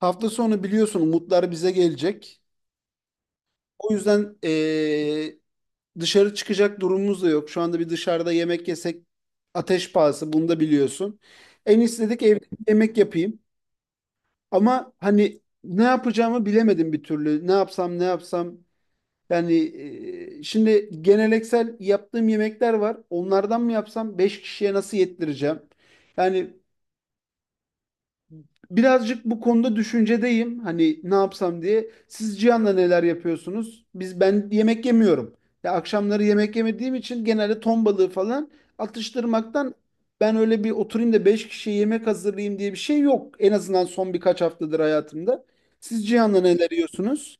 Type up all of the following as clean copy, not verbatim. Hafta sonu biliyorsun umutlar bize gelecek. O yüzden dışarı çıkacak durumumuz da yok. Şu anda bir dışarıda yemek yesek ateş pahası bunu da biliyorsun. En istedik evde bir yemek yapayım. Ama hani ne yapacağımı bilemedim bir türlü. Ne yapsam ne yapsam. Yani şimdi geleneksel yaptığım yemekler var. Onlardan mı yapsam? 5 kişiye nasıl yettireceğim? Yani birazcık bu konuda düşüncedeyim. Hani ne yapsam diye. Siz Cihan'la neler yapıyorsunuz? Ben yemek yemiyorum. Ya akşamları yemek yemediğim için genelde ton balığı falan atıştırmaktan ben öyle bir oturayım da 5 kişiye yemek hazırlayayım diye bir şey yok. En azından son birkaç haftadır hayatımda. Siz Cihan'la neler yiyorsunuz?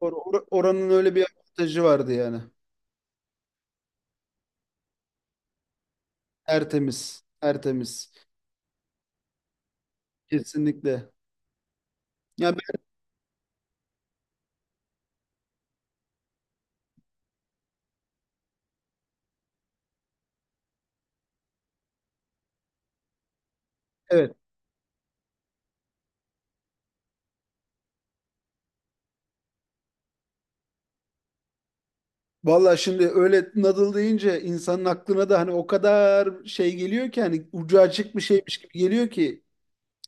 Oranın öyle bir avantajı vardı yani. Tertemiz, tertemiz. Kesinlikle. Ya ben, evet. Valla şimdi öyle Nadal deyince insanın aklına da hani o kadar şey geliyor ki hani ucu açık bir şeymiş gibi geliyor ki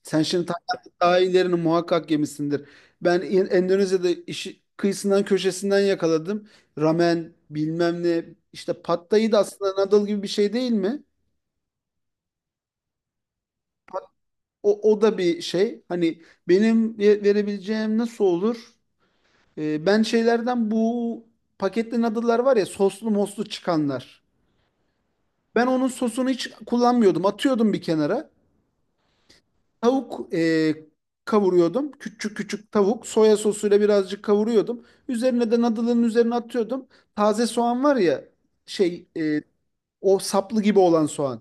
sen şimdi Tayland'ın daha ilerini muhakkak yemişsindir. Ben Endonezya'da işi kıyısından köşesinden yakaladım. Ramen bilmem ne işte Pad Thai da aslında Nadal gibi bir şey değil mi? O, o da bir şey. Hani benim verebileceğim nasıl olur? Ben şeylerden bu paketli Nadal'lar var ya soslu moslu çıkanlar. Ben onun sosunu hiç kullanmıyordum. Atıyordum bir kenara. Tavuk kavuruyordum. Küçük küçük tavuk. Soya sosuyla birazcık kavuruyordum. Üzerine de nadılın üzerine atıyordum. Taze soğan var ya şey o saplı gibi olan soğan.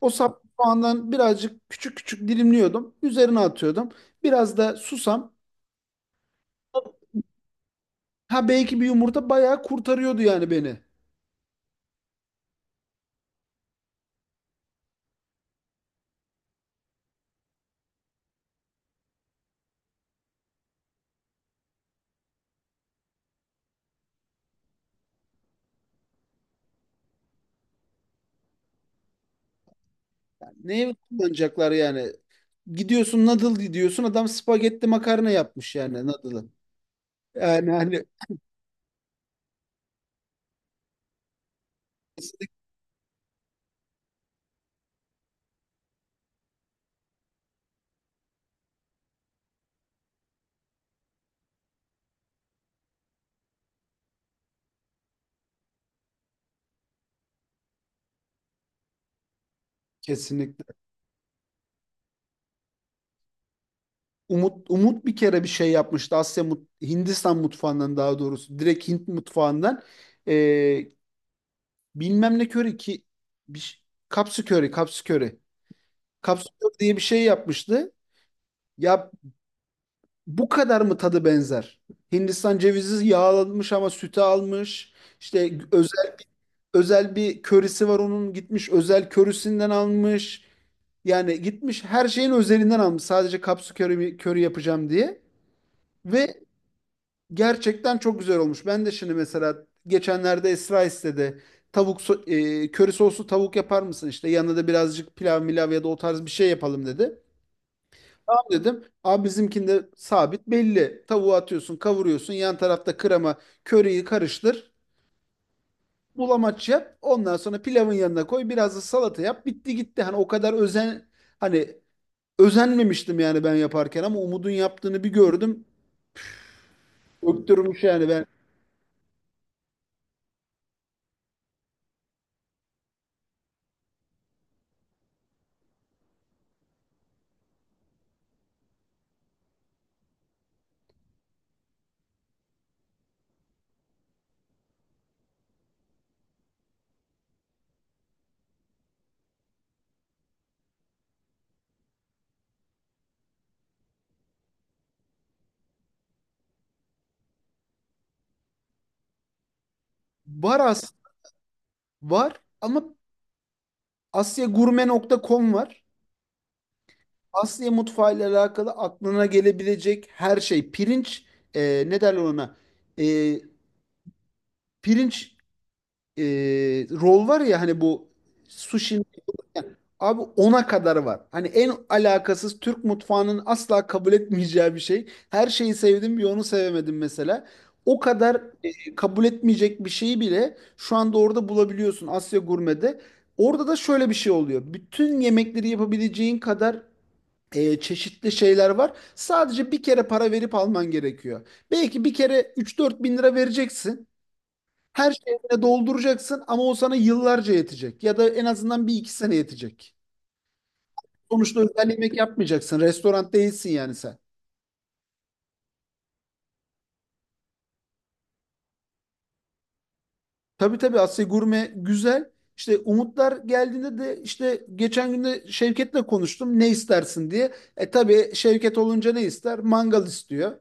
O saplı soğandan birazcık küçük küçük dilimliyordum. Üzerine atıyordum. Biraz da susam. Ha belki bir yumurta bayağı kurtarıyordu yani beni. Neye kullanacaklar yani? Gidiyorsun nadıl diyorsun adam spagetti makarna yapmış yani nadılı. Yani hani kesinlikle. Umut bir kere bir şey yapmıştı. Hindistan mutfağından daha doğrusu direkt Hint mutfağından Ee, bilmem ne köri ki bir ş- kapsu köri, kapsu köri. Kapsu köri diye bir şey yapmıştı. Ya bu kadar mı tadı benzer? Hindistan cevizi yağlanmış ama sütü almış. İşte özel özel bir körisi var onun gitmiş özel körisinden almış. Yani gitmiş her şeyin özelinden almış. Sadece kapsu köri, köri yapacağım diye. Ve gerçekten çok güzel olmuş. Ben de şimdi mesela geçenlerde Esra istedi. Tavuk köri soslu tavuk yapar mısın işte yanına da birazcık pilav milav ya da o tarz bir şey yapalım dedi. Tamam dedim. Abi bizimkinde sabit belli. Tavuğu atıyorsun, kavuruyorsun. Yan tarafta krema, köriyi karıştır. Bulamaç yap. Ondan sonra pilavın yanına koy. Biraz da salata yap. Bitti gitti. Hani o kadar hani özenmemiştim yani ben yaparken ama Umud'un yaptığını bir gördüm. Öktürmüş yani ben. Var aslında var ama Asyagurme nokta com var. Asya mutfağı ile alakalı aklına gelebilecek her şey. Pirinç, ne derler ona? E, pirinç e, rol var ya hani bu sushi abi ona kadar var. Hani en alakasız Türk mutfağının asla kabul etmeyeceği bir şey. Her şeyi sevdim bir onu sevemedim mesela. O kadar kabul etmeyecek bir şeyi bile şu anda orada bulabiliyorsun Asya Gurme'de. Orada da şöyle bir şey oluyor. Bütün yemekleri yapabileceğin kadar çeşitli şeyler var. Sadece bir kere para verip alman gerekiyor. Belki bir kere 3-4 bin lira vereceksin. Her şeyine dolduracaksın ama o sana yıllarca yetecek. Ya da en azından bir iki sene yetecek. Sonuçta özel yemek yapmayacaksın. Restoran değilsin yani sen. Tabii tabii Asya Gurme güzel. İşte Umutlar geldiğinde de işte geçen gün de Şevket'le konuştum ne istersin diye. E tabii Şevket olunca ne ister? Mangal istiyor.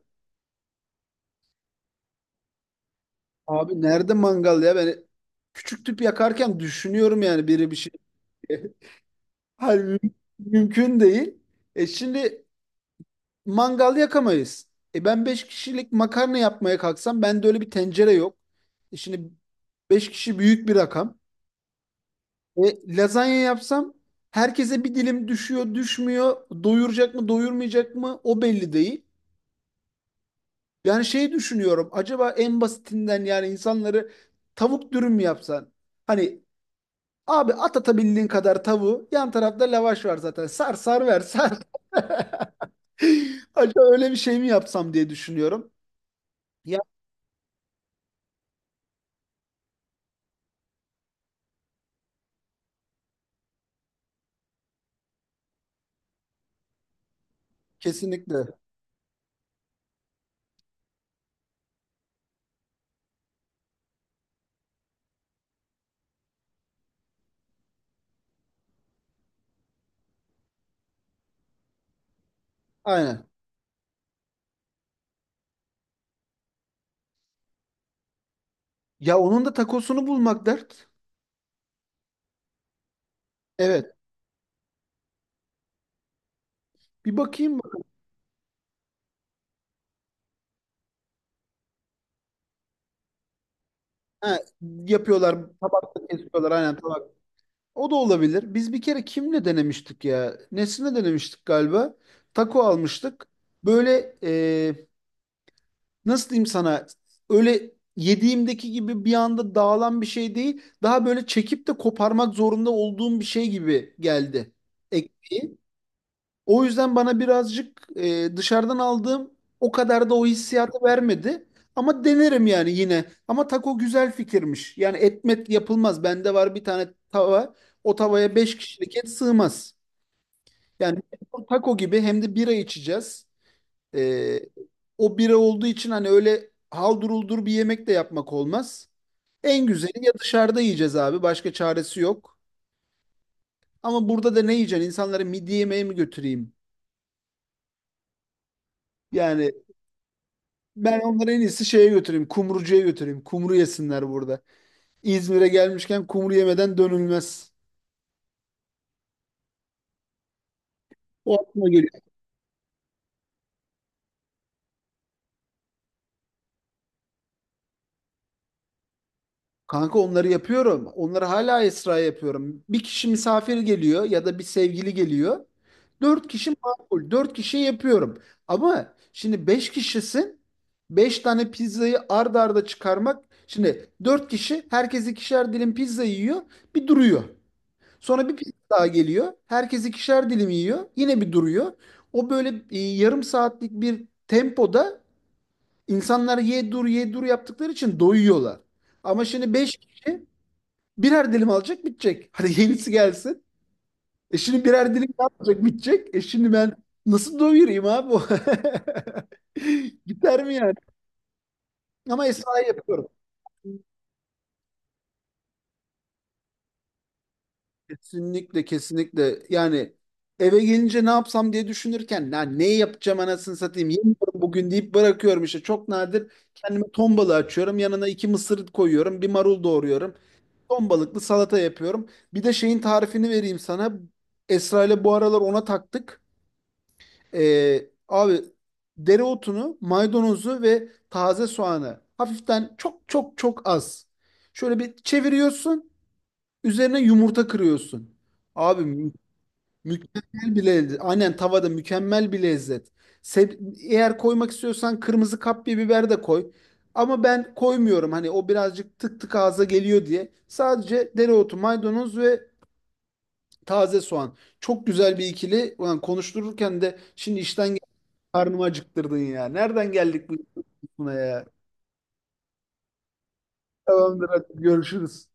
Abi nerede mangal ya? Ben küçük tüp yakarken düşünüyorum yani biri bir şey diye. Halbuki mümkün değil. E şimdi mangal yakamayız. E ben 5 kişilik makarna yapmaya kalksam bende öyle bir tencere yok. E şimdi 5 kişi büyük bir rakam. E lazanya yapsam herkese bir dilim düşüyor, düşmüyor. Doyuracak mı, doyurmayacak mı o belli değil. Yani şey düşünüyorum. Acaba en basitinden yani insanları tavuk dürüm mü yapsan? Hani abi at atabildiğin kadar tavuğu. Yan tarafta lavaş var zaten. Sar sar ver sar. Acaba öyle bir şey mi yapsam diye düşünüyorum. Ya kesinlikle. Aynen. Ya onun da takosunu bulmak dert. Evet. Bir bakayım. Ha, yapıyorlar. Tabakta kesiyorlar. Aynen tabak. O da olabilir. Biz bir kere kimle denemiştik ya? Nesine denemiştik galiba? Taco almıştık. Böyle e, nasıl diyeyim sana öyle yediğimdeki gibi bir anda dağılan bir şey değil. Daha böyle çekip de koparmak zorunda olduğum bir şey gibi geldi ekmeği. O yüzden bana birazcık dışarıdan aldığım o kadar da o hissiyatı vermedi. Ama denerim yani yine. Ama taco güzel fikirmiş. Yani etmet yapılmaz. Bende var bir tane tava. O tavaya beş kişilik et sığmaz. Yani taco gibi hem de bira içeceğiz. Ee, o bira olduğu için hani öyle halduruldur bir yemek de yapmak olmaz. En güzeli ya dışarıda yiyeceğiz abi. Başka çaresi yok. Ama burada da ne yiyeceksin? İnsanlara midye yemeği mi götüreyim? Yani ben onları en iyisi şeye götüreyim. Kumrucuya götüreyim. Kumru yesinler burada. İzmir'e gelmişken kumru yemeden dönülmez. O aklıma geliyor. Kanka onları yapıyorum. Onları hala Esra yapıyorum. Bir kişi misafir geliyor ya da bir sevgili geliyor. Dört kişi makul. Dört kişi yapıyorum. Ama şimdi beş kişisin. Beş tane pizzayı ard arda çıkarmak. Şimdi dört kişi herkes ikişer dilim pizza yiyor. Bir duruyor. Sonra bir pizza daha geliyor. Herkes ikişer dilim yiyor. Yine bir duruyor. O böyle yarım saatlik bir tempoda insanlar ye dur ye dur yaptıkları için doyuyorlar. Ama şimdi beş kişi birer dilim alacak bitecek. Hadi yenisi gelsin. E şimdi birer dilim daha alacak bitecek. E şimdi ben nasıl doyurayım abi? Gider mi yani? Ama Esra'yı yapıyorum. Kesinlikle kesinlikle. Yani eve gelince ne yapsam diye düşünürken ya ne yapacağım anasını satayım yemiyorum bugün deyip bırakıyorum işte. Çok nadir kendime ton balığı açıyorum. Yanına iki mısır koyuyorum. Bir marul doğruyorum. Ton balıklı salata yapıyorum. Bir de şeyin tarifini vereyim sana. Esra ile bu aralar ona taktık. Abi dereotunu, maydanozu ve taze soğanı hafiften çok çok çok az. Şöyle bir çeviriyorsun. Üzerine yumurta kırıyorsun. Abi mükemmel bir lezzet. Aynen tavada mükemmel bir lezzet. Eğer koymak istiyorsan kırmızı kapya biber de koy. Ama ben koymuyorum. Hani o birazcık tık tık ağza geliyor diye. Sadece dereotu, maydanoz ve taze soğan. Çok güzel bir ikili. Ulan konuştururken de şimdi işten karnımı acıktırdın ya. Nereden geldik buna ya? Tamamdır hadi görüşürüz.